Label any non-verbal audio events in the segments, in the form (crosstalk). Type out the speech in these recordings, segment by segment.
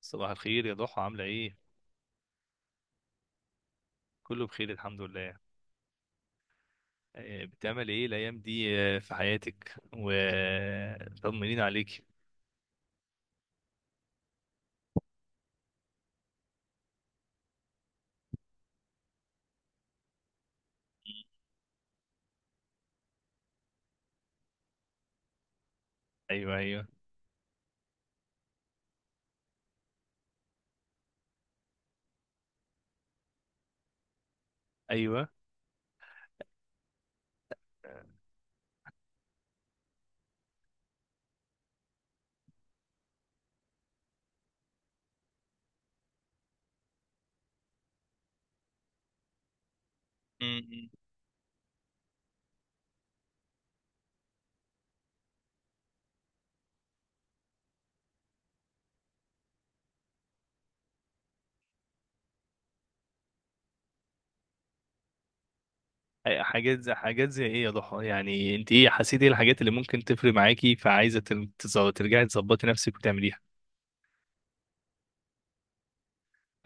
صباح الخير يا ضحى، عاملة ايه؟ كله بخير الحمد لله. آه، بتعمل ايه الأيام دي في حياتك؟ وطمنين عليك. ايوه، ايوه، ايوه. م-م. حاجات زي ايه يا ضحى؟ يعني انت ايه، حسيتي ايه الحاجات اللي ممكن تفرق معاكي، فعايزة ترجعي تظبطي نفسك وتعمليها؟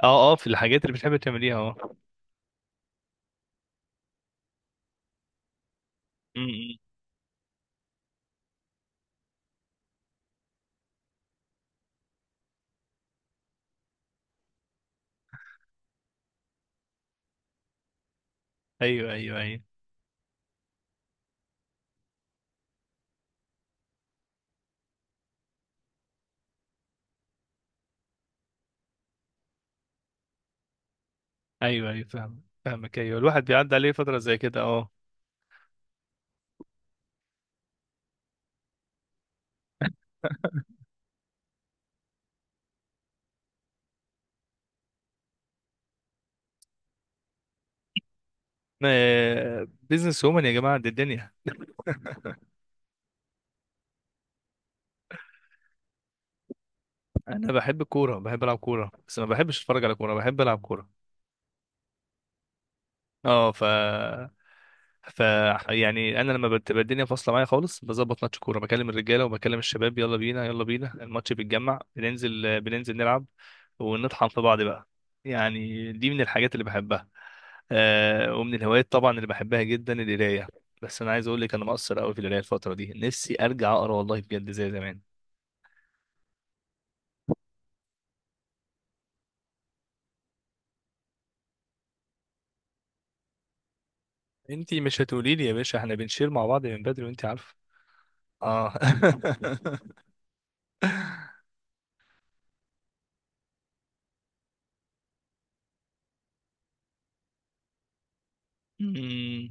اه اه، في الحاجات اللي بتحبي تعمليها اه. م-م. ايوه، ايوه، ايوه، ايوه، ايوه، فاهم، فاهمك، ايوه. الواحد بيعدي عليه فترة زي كده اه. بيزنس وومن يا جماعة، دي الدنيا. انا بحب الكوره، بحب العب كوره، بس ما بحبش اتفرج على كوره، بحب العب كوره. اه، ف يعني انا لما بتبقى الدنيا فاصله معايا خالص، بظبط ماتش كوره، بكلم الرجاله وبكلم الشباب، يلا بينا يلا بينا، الماتش بيتجمع، بننزل بننزل نلعب ونطحن في بعض بقى. يعني دي من الحاجات اللي بحبها. آه، ومن الهوايات طبعا اللي بحبها جدا القرايه. بس انا عايز اقول لك انا مقصر قوي في القرايه الفتره دي، نفسي ارجع اقرا والله بجد زي زمان. انتي مش هتقولي لي يا باشا، احنا بنشير مع بعض من بدري وانتي عارفه. اه. (laughs) أمم،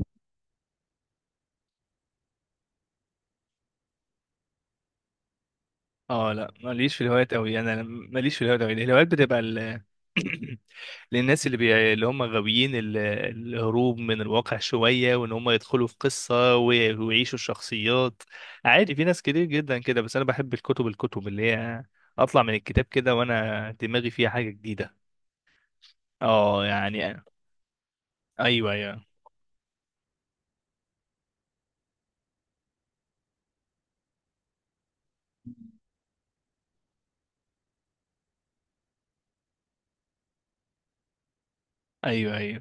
اه لا، ماليش في الهوايات قوي، انا ماليش في الهوايات قوي، الهوايات بتبقى ال... (coughs) (clears throat) اللي هم غاويين ال... الهروب من الواقع شويه، وان هم يدخلوا في قصه و... ويعيشوا الشخصيات. عادي، في ناس كتير جدا كده. بس انا بحب الكتب، الكتب اللي هي اطلع من الكتاب كده وانا دماغي فيها حاجه جديده. اه، يعني ايوه، ايوه، ايوه، ايوه.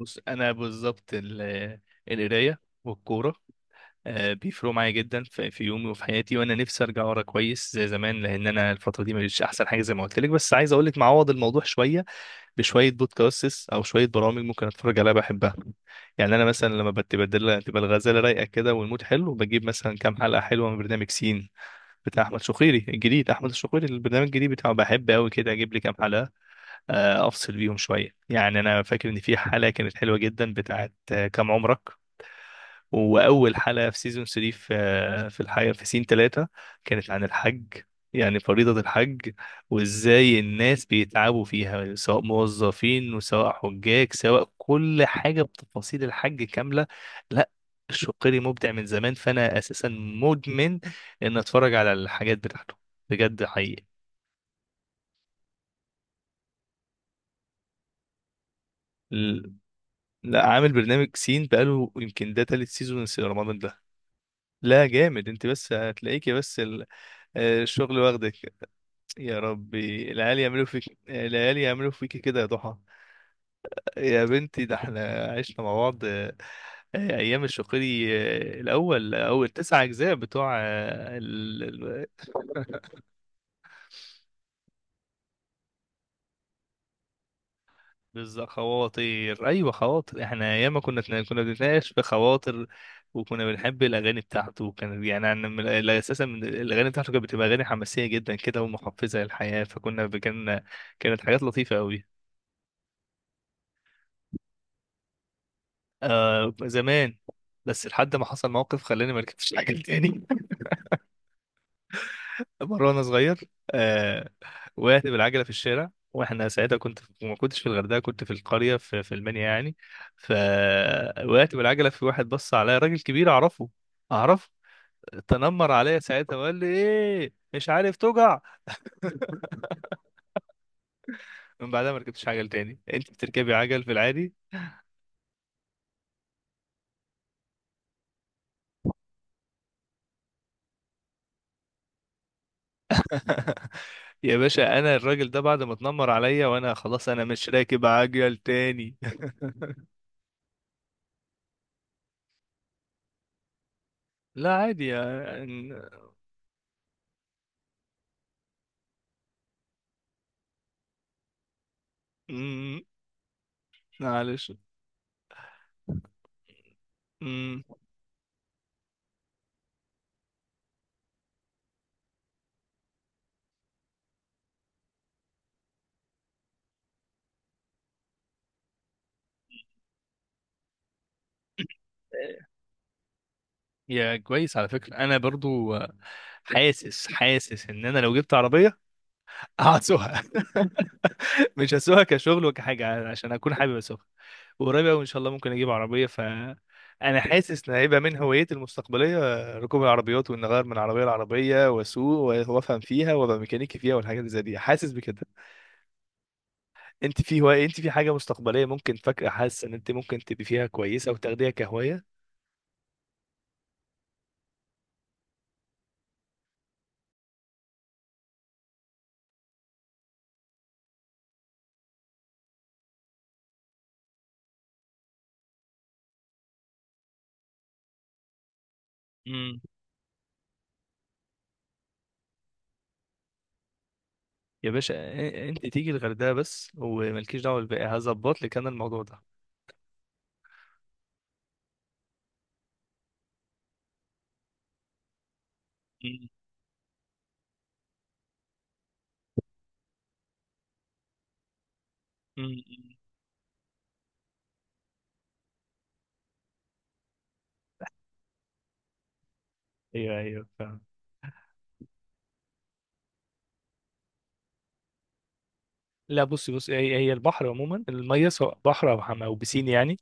بص، انا بالظبط ال... القرايه والكوره آه، بيفرقوا معايا جدا في يومي وفي حياتي، وانا نفسي ارجع ورا كويس زي زمان، لان انا الفتره دي مش احسن حاجه زي ما قلت لك. بس عايز اقول لك معوض الموضوع شويه بشويه، بودكاستس او شويه برامج ممكن اتفرج عليها بحبها. يعني انا مثلا لما بتبدل، تبقى الغزاله رايقه كده والمود حلو، بجيب مثلا كام حلقه حلوه من برنامج سين بتاع احمد شقيري الجديد. احمد الشقيري البرنامج الجديد بتاعه بحب قوي كده، اجيب لي كام حلقه آه، افصل بيهم شويه. يعني انا فاكر ان في حلقه كانت حلوه جدا بتاعت آه، كام عمرك. واول حلقه في سيزون 3 في في الحقيقه في سين 3 كانت عن الحج، يعني فريضه الحج، وازاي الناس بيتعبوا فيها، سواء موظفين وسواء حجاج، سواء كل حاجه، بتفاصيل الحج كامله. لا، الشقيري مبدع من زمان، فانا اساسا مدمن ان اتفرج على الحاجات بتاعته بجد حقيقي. ال- لا، عامل برنامج سين بقاله يمكن ده تالت سيزون، رمضان ده. لا جامد، انت بس هتلاقيكي بس آه، الشغل واخدك. يا ربي، العيال يعملوا فيك، العيال يعملوا فيك كده يا ضحى. يا بنتي ده احنا عشنا مع بعض آه، آه، ايام الشقيري. آه، الاول، اول تسع اجزاء بتوع آه، بالظبط، خواطر. ايوه خواطر، احنا ايام ما كنا كنا بنتناقش في خواطر. وكنا بنحب الاغاني بتاعته، وكان يعني لا، اساسا من الاغاني بتاعته كانت بتبقى اغاني حماسيه جدا كده، ومحفزه للحياه، فكنا كان كانت حاجات لطيفه قوي. آه زمان، بس لحد ما حصل موقف خلاني ما ركبتش العجل تاني. (laughs) مرة وانا صغير آه، وقعت بالعجلة في الشارع، واحنا ساعتها كنت في... ما كنتش في الغردقة، كنت في القرية في المنيا يعني. فوقعت بالعجلة في واحد، بص عليا راجل كبير اعرفه، اعرفه. تنمر عليا ساعتها وقال لي ايه، مش عارف توجع. من بعدها ما ركبتش عجل تاني. انت بتركبي عجل في العادي؟ (laughs) يا باشا، انا الراجل ده بعد ما اتنمر عليا وانا خلاص، انا مش راكب عجل تاني. لا عادي م- معلش. م- يا كويس، على فكرة أنا برضو آه، حاسس حاسس إن أنا لو جبت عربية هسوقها. (laughs) مش هسوقها كشغل وكحاجة، عشان أكون حابب أسوقها. وقريب أوي إن شاء الله ممكن أجيب عربية، ف أنا حاسس إن هيبقى من هواياتي المستقبلية آه، ركوب العربيات، وإن أغير من عربية لعربية وأسوق وأفهم فيها وأبقى ميكانيكي فيها، والحاجات اللي زي دي حاسس بكده. انت في هواية، انت في حاجة مستقبلية ممكن فاكرة حاسة ان انت ممكن تبقي فيها كويسة وتاخديها كهواية؟ امم. يا باشا، انت تيجي الغردقة بس، ومالكيش دعوة بالباقي، هظبط لك انا الموضوع ده. امم. ايوه، ايوه، فاهم. لا بصي بصي، هي البحر عموما، الميه سواء بحر او حمام او بسين يعني،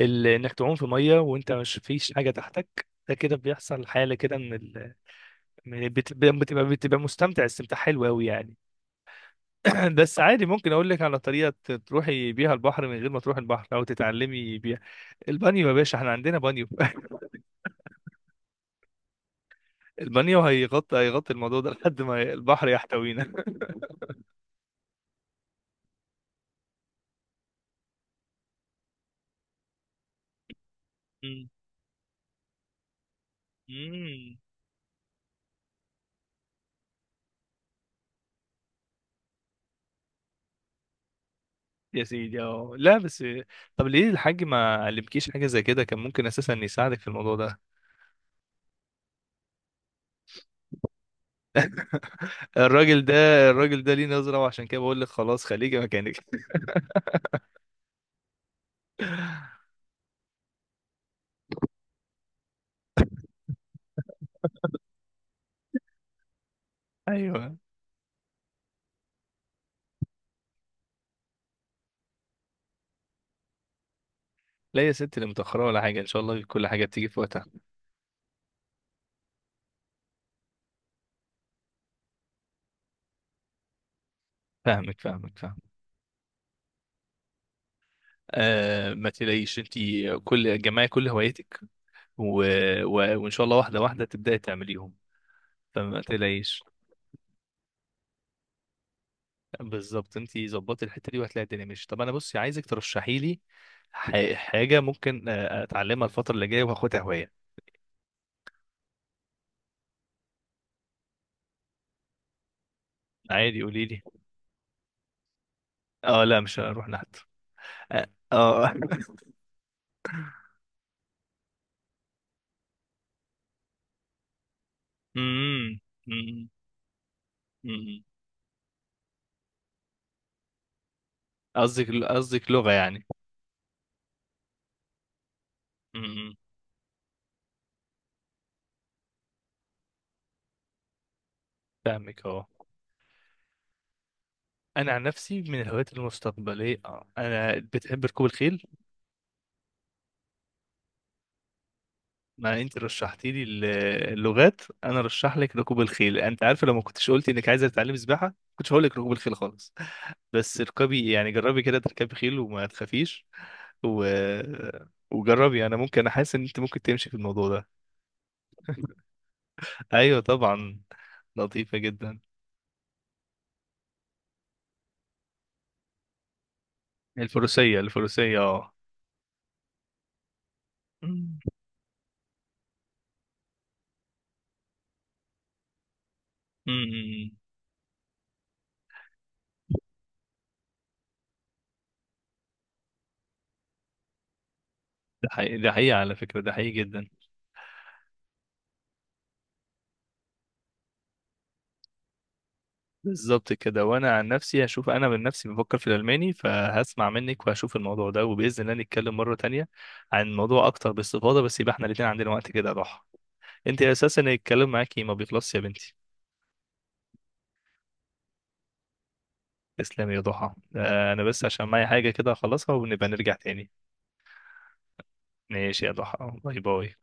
ال- انك تعوم في ميه وانت مش فيش حاجه تحتك، ده كده بيحصل حاله كده من ال... من بتبقى بتبقى مستمتع استمتاع حلو قوي يعني. (laughs) بس عادي، ممكن اقول لك على طريقه تروحي بيها البحر من غير ما تروحي البحر او تتعلمي بيها. البانيو، يا باشا احنا عندنا بانيو، (laughs) البانيو هيغطي هيغطي الموضوع ده لحد ما البحر يحتوينا. (laughs) مم. مم. يا سيدي اه لا بس، طب ليه الحاج ما علمكيش حاجه زي كده؟ كان ممكن اساسا يساعدك في الموضوع ده. الراجل ده، الراجل ده ليه نظره، وعشان كده بقول لك خلاص خليكي مكانك. (laughs) ايوه، لا يا ستي، لا متاخره ولا حاجه، ان شاء الله كل حاجه بتيجي في وقتها. فاهمك، فاهمك، فاهمك. آه، ما تلاقيش انت كل جمعي كل هواياتك و... و... وان شاء الله واحده واحده تبداي تعمليهم. فما تلاقيش، بالظبط، انت ظبطي الحته دي وهتلاقي الدنيا ماشيه. طب انا بصي، عايزك ترشحي لي ح... حاجه ممكن آه، اتعلمها الفتره اللي جايه وهاخدها هوايه. عادي قولي لي. اه لا، مش هروح نحت. اه. آه. (laughs) امم، امم، أمم. قصدك، قصدك لغه يعني؟ امم. فاهمك اه. انا عن نفسي من الهوايات المستقبليه آه، انا بتحب ركوب الخيل. ما انت رشحتي لي اللغات، انا رشح لك ركوب الخيل. انت عارفه، لو ما كنتش قلتي انك عايزه تتعلمي سباحه، ما كنتش هقول لك ركوب الخيل خالص. بس اركبي يعني، جربي كده تركبي خيل وما تخافيش و... وجربي، انا ممكن، انا حاسس ان انت ممكن تمشي في الموضوع ده. ايوه طبعا، لطيفه جدا. الفروسيه، الفروسيه اه. أمم، أمم. أمم. ده حقيقي، ده حقيقي على فكره، ده حقيقي جدا. بالظبط كده. وانا عن نفسي هشوف، انا من نفسي بفكر في الالماني، فهسمع منك وهشوف الموضوع ده، وباذن الله نتكلم مره تانية عن الموضوع اكتر باستفاضه. بس يبقى احنا الاتنين عندنا وقت كده يا ضحى، انت اساسا الكلام معاكي ما بيخلصش يا بنتي. تسلمي يا ضحى، آه، انا بس عشان معايا حاجه كده اخلصها ونبقى نرجع تاني. ماشي يا ضحى، باي باي.